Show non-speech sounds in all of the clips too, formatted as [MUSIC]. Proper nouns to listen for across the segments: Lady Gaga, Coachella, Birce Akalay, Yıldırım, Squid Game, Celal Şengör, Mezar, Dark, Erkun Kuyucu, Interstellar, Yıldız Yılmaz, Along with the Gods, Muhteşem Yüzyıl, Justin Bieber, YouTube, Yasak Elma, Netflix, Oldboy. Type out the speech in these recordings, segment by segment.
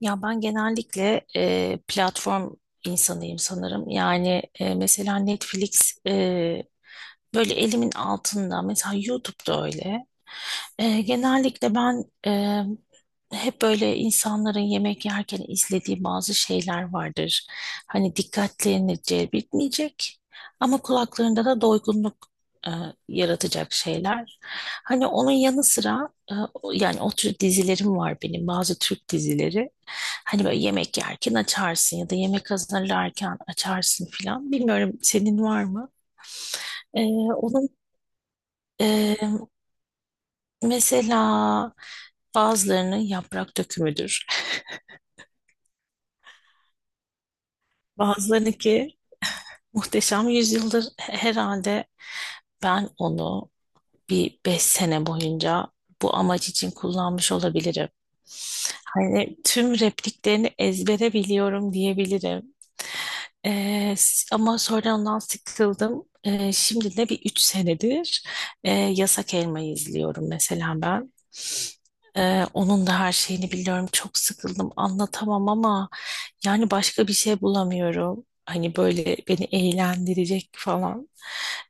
Ya ben genellikle platform insanıyım sanırım. Yani mesela Netflix böyle elimin altında. Mesela YouTube'da öyle. Genellikle ben hep böyle insanların yemek yerken izlediği bazı şeyler vardır. Hani dikkatlerini celbetmeyecek ama kulaklarında da doygunluk e, yaratacak şeyler. Hani onun yanı sıra yani o tür dizilerim var benim bazı Türk dizileri. Hani böyle yemek yerken açarsın ya da yemek hazırlarken açarsın filan. Bilmiyorum senin var mı? E, onun e, mesela bazılarının yaprak dökümüdür. Bazılarınınki muhteşem yüzyıldır herhalde ben onu bir 5 sene boyunca bu amaç için kullanmış olabilirim. Hani tüm repliklerini ezbere biliyorum diyebilirim. Ama sonra ondan sıkıldım. Şimdi de bir 3 senedir Yasak Elma'yı izliyorum mesela ben. Onun da her şeyini biliyorum. Çok sıkıldım. Anlatamam ama yani başka bir şey bulamıyorum. Hani böyle beni eğlendirecek falan.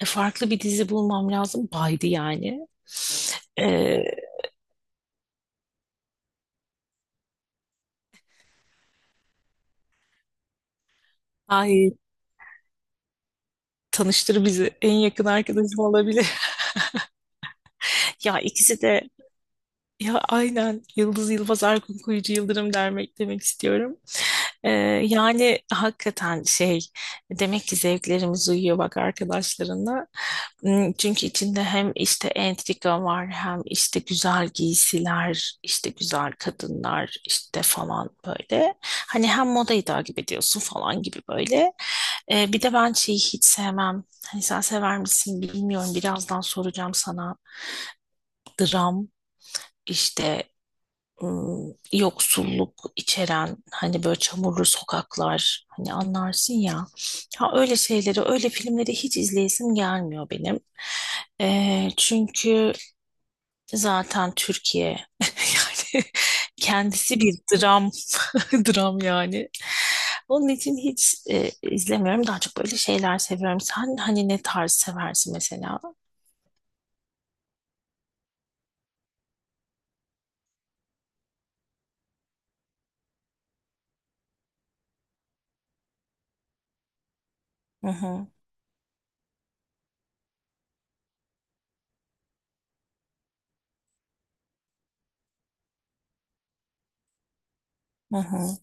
Farklı bir dizi bulmam lazım. Baydı yani. E, ay tanıştır bizi. En yakın arkadaşım olabilir. [LAUGHS] Ya ikisi de ya aynen Yıldız Yılmaz Erkun Kuyucu Yıldırım demek istiyorum. Ee, yani hakikaten şey demek ki zevklerimiz uyuyor bak arkadaşlarına. Hmm, çünkü içinde hem işte entrika var hem işte güzel giysiler işte güzel kadınlar işte falan böyle. Hani hem modayı takip ediyorsun falan gibi böyle. Bir de ben şeyi hiç sevmem. Hani sen sever misin bilmiyorum birazdan soracağım sana. Dram işte yoksulluk içeren hani böyle çamurlu sokaklar hani anlarsın ya. Ha öyle şeyleri, öyle filmleri hiç izleyesim gelmiyor benim. Çünkü zaten Türkiye [LAUGHS] yani kendisi bir dram [LAUGHS] dram yani. Onun için hiç izlemiyorum. Daha çok böyle şeyler seviyorum. Sen hani ne tarz seversin mesela? Hı hı, hı hı,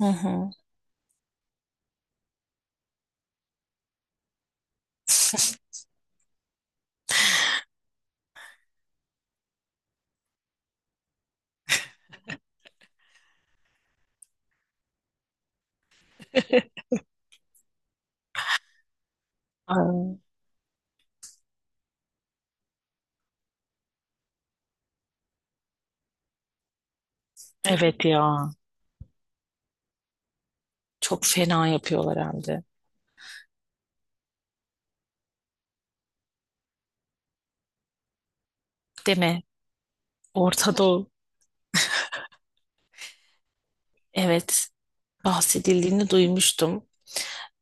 hı hı. [LAUGHS] Ay, evet ya. Çok fena yapıyorlar hem de. Deme. Orta Doğu. Evet. Bahsedildiğini duymuştum.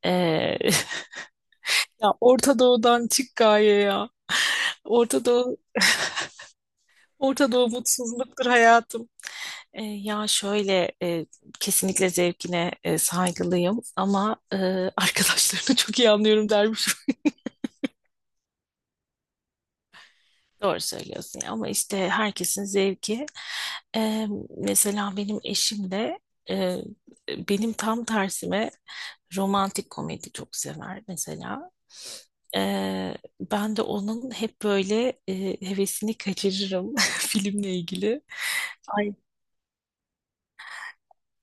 Ee, [LAUGHS] ya Orta Doğu'dan çık gaye ya. Orta Doğu, Orta Doğu mutsuzluktur hayatım. Ya şöyle kesinlikle zevkine saygılıyım ama [LAUGHS] arkadaşlarını çok iyi anlıyorum dermiş. Doğru söylüyorsun ya. Ama işte herkesin zevki. Ee, mesela benim eşim de e, benim tam tersime romantik komedi çok sever mesela. Ben de onun hep böyle hevesini kaçırırım [LAUGHS] filmle ilgili. Ay,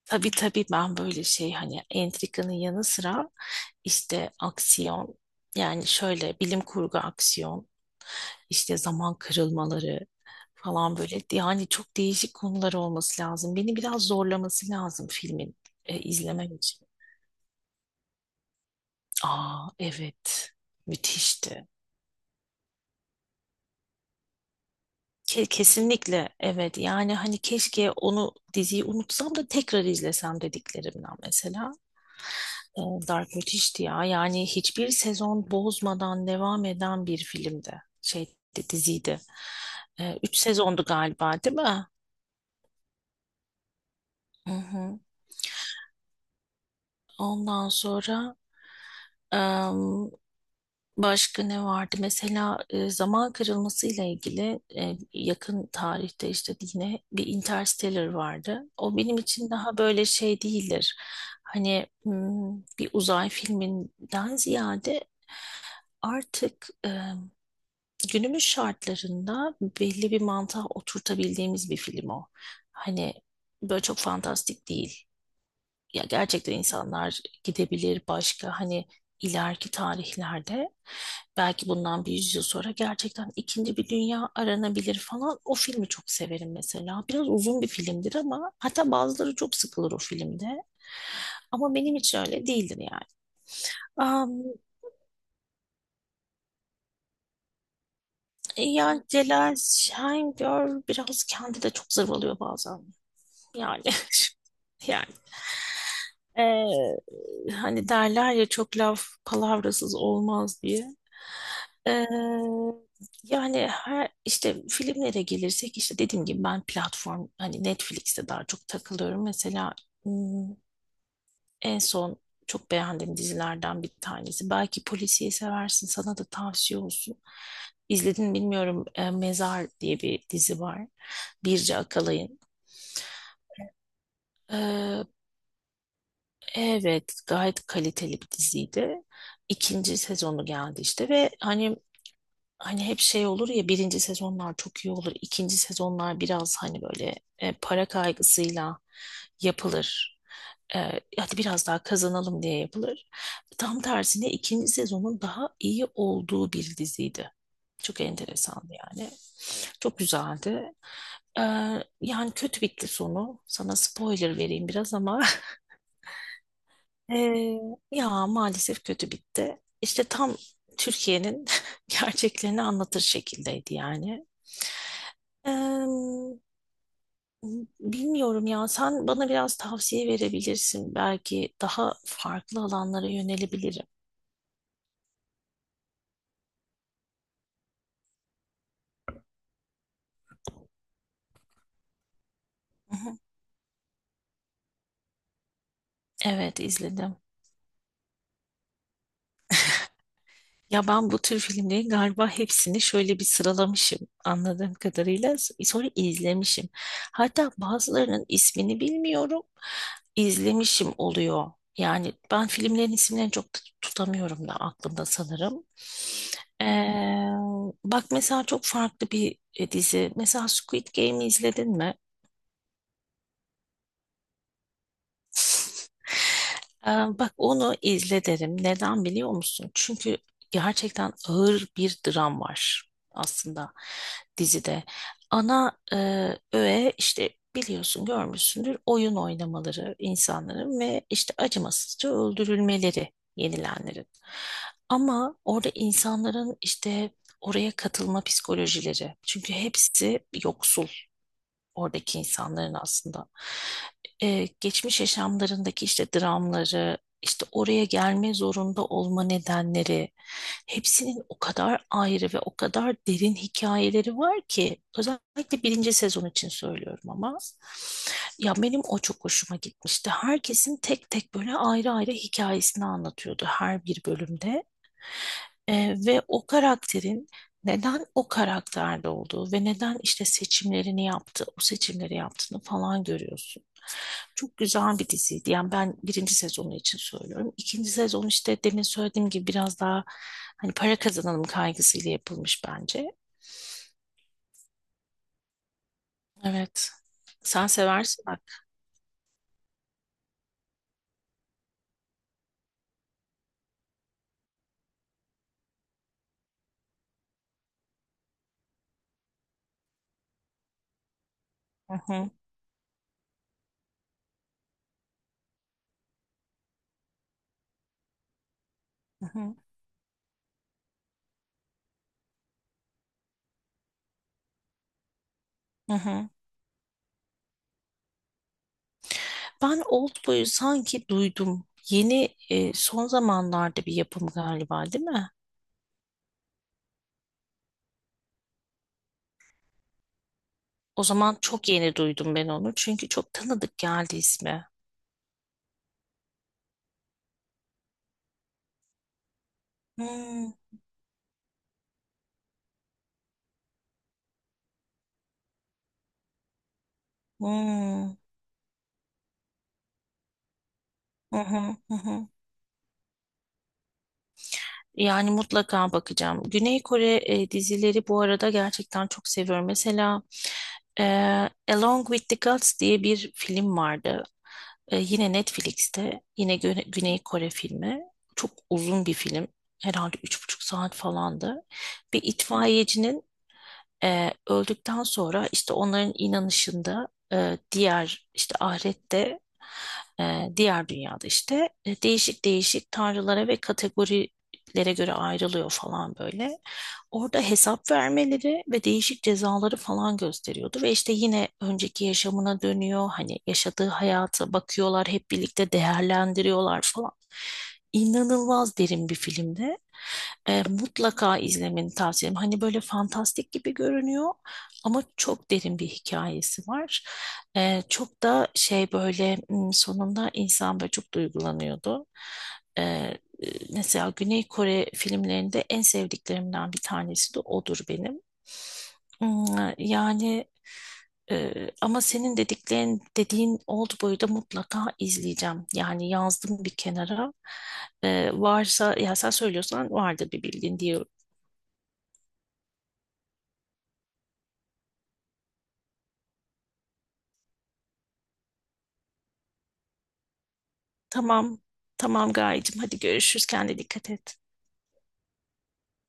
tabii tabii ben böyle şey hani entrikanın yanı sıra işte aksiyon yani şöyle bilim kurgu aksiyon işte zaman kırılmaları falan böyle yani çok değişik konular olması lazım. Beni biraz zorlaması lazım filmin izlemem için. Aa, evet müthişti. Kesinlikle evet yani hani keşke onu diziyi unutsam da tekrar izlesem dediklerimden mesela. E, Dark müthişti ya yani hiçbir sezon bozmadan devam eden bir filmdi şey diziydi. 3 sezondu galiba değil mi? Hı hı. Ondan sonra Em, Başka ne vardı? Mesela zaman kırılması ile ilgili yakın tarihte işte yine bir Interstellar vardı. O benim için daha böyle şey değildir. Hani bir uzay filminden ziyade artık günümüz şartlarında belli bir mantığa oturtabildiğimiz bir film o. Hani böyle çok fantastik değil ya gerçekten insanlar gidebilir başka hani ileriki tarihlerde belki bundan bir yüzyıl sonra gerçekten ikinci bir dünya aranabilir falan. O filmi çok severim mesela. Biraz uzun bir filmdir ama hatta bazıları çok sıkılır o filmde. Ama benim için öyle değildir yani. Am, yani Celal Şengör biraz kendi de çok zırvalıyor bazen. Yani [LAUGHS] yani Ee, hani derler ya çok laf palavrasız olmaz diye. Ee, yani her işte filmlere gelirsek işte dediğim gibi ben platform hani Netflix'te daha çok takılıyorum. Mesela hmm, en son çok beğendiğim dizilerden bir tanesi. Belki polisiye seversin sana da tavsiye olsun. İzledin bilmiyorum Mezar diye bir dizi var. Birce Akalay'ın. Evet, gayet kaliteli bir diziydi. İkinci sezonu geldi işte ve hani hep şey olur ya birinci sezonlar çok iyi olur. ikinci sezonlar biraz hani böyle para kaygısıyla yapılır. Hadi biraz daha kazanalım diye yapılır. Tam tersine ikinci sezonun daha iyi olduğu bir diziydi. Çok enteresandı yani. Çok güzeldi. E, yani kötü bitti sonu. Sana spoiler vereyim biraz ama ee, ya maalesef kötü bitti. İşte tam Türkiye'nin [LAUGHS] gerçeklerini anlatır şekildeydi yani. Ee, bilmiyorum ya sen bana biraz tavsiye verebilirsin. Belki daha farklı alanlara yönelebilirim. Hı hı. Evet, izledim. Ya ben bu tür filmlerin galiba hepsini şöyle bir sıralamışım anladığım kadarıyla. Sonra izlemişim. Hatta bazılarının ismini bilmiyorum. İzlemişim oluyor. Yani ben filmlerin isimlerini çok tutamıyorum da aklımda sanırım. Ee, bak mesela çok farklı bir dizi. Mesela Squid Game'i izledin mi? Ee, Bak onu izle derim. Neden biliyor musun? Çünkü gerçekten ağır bir dram var aslında dizide. Ana öğe işte biliyorsun görmüşsündür oyun oynamaları insanların ve işte acımasızca öldürülmeleri yenilenlerin. Ama orada insanların işte oraya katılma psikolojileri. Çünkü hepsi yoksul oradaki insanların aslında geçmiş yaşamlarındaki işte dramları, işte oraya gelme zorunda olma nedenleri, hepsinin o kadar ayrı ve o kadar derin hikayeleri var ki özellikle birinci sezon için söylüyorum ama ya benim o çok hoşuma gitmişti. Herkesin tek tek böyle ayrı ayrı hikayesini anlatıyordu her bir bölümde. Ve o karakterin neden o karakterde olduğu ve neden işte seçimlerini yaptı, o seçimleri yaptığını falan görüyorsun. Çok güzel bir diziydi. Yani ben birinci sezonu için söylüyorum. İkinci sezon işte demin söylediğim gibi biraz daha hani para kazanalım kaygısıyla yapılmış bence. Evet. Sen seversin bak. Hı hı, hı hı, hı hı. Ben Oldboy'u sanki duydum. Yeni son zamanlarda bir yapım galiba, değil mi? O zaman çok yeni duydum ben onu. Çünkü çok tanıdık geldi ismi. Hmm, hmm, hı hı, hı hı. Yani mutlaka bakacağım. Güney Kore dizileri bu arada gerçekten çok seviyorum. Mesela e, Along with the Gods diye bir film vardı. Yine Netflix'te. Yine Güney Kore filmi. Çok uzun bir film. Herhalde 3,5 saat falandı. Bir itfaiyecinin öldükten sonra işte onların inanışında diğer işte ahirette diğer dünyada işte değişik değişik tanrılara ve kategorilere göre ayrılıyor falan böyle. Orada hesap vermeleri ve değişik cezaları falan gösteriyordu ve işte yine önceki yaşamına dönüyor. Hani yaşadığı hayata bakıyorlar, hep birlikte değerlendiriyorlar falan. İnanılmaz derin bir filmdi. Mutlaka izlemeni tavsiye ederim. Hani böyle fantastik gibi görünüyor ama çok derin bir hikayesi var. Çok da şey böyle sonunda insan böyle çok duygulanıyordu. E, e, mesela Güney Kore filmlerinde en sevdiklerimden bir tanesi de odur benim. Hmm, yani ama senin dediğin Oldboy'u da mutlaka izleyeceğim. Yani yazdım bir kenara. Varsa ya sen söylüyorsan vardır bir bildiğin diyor. Tamam. Tamam Gayecığım, hadi görüşürüz, kendine dikkat et.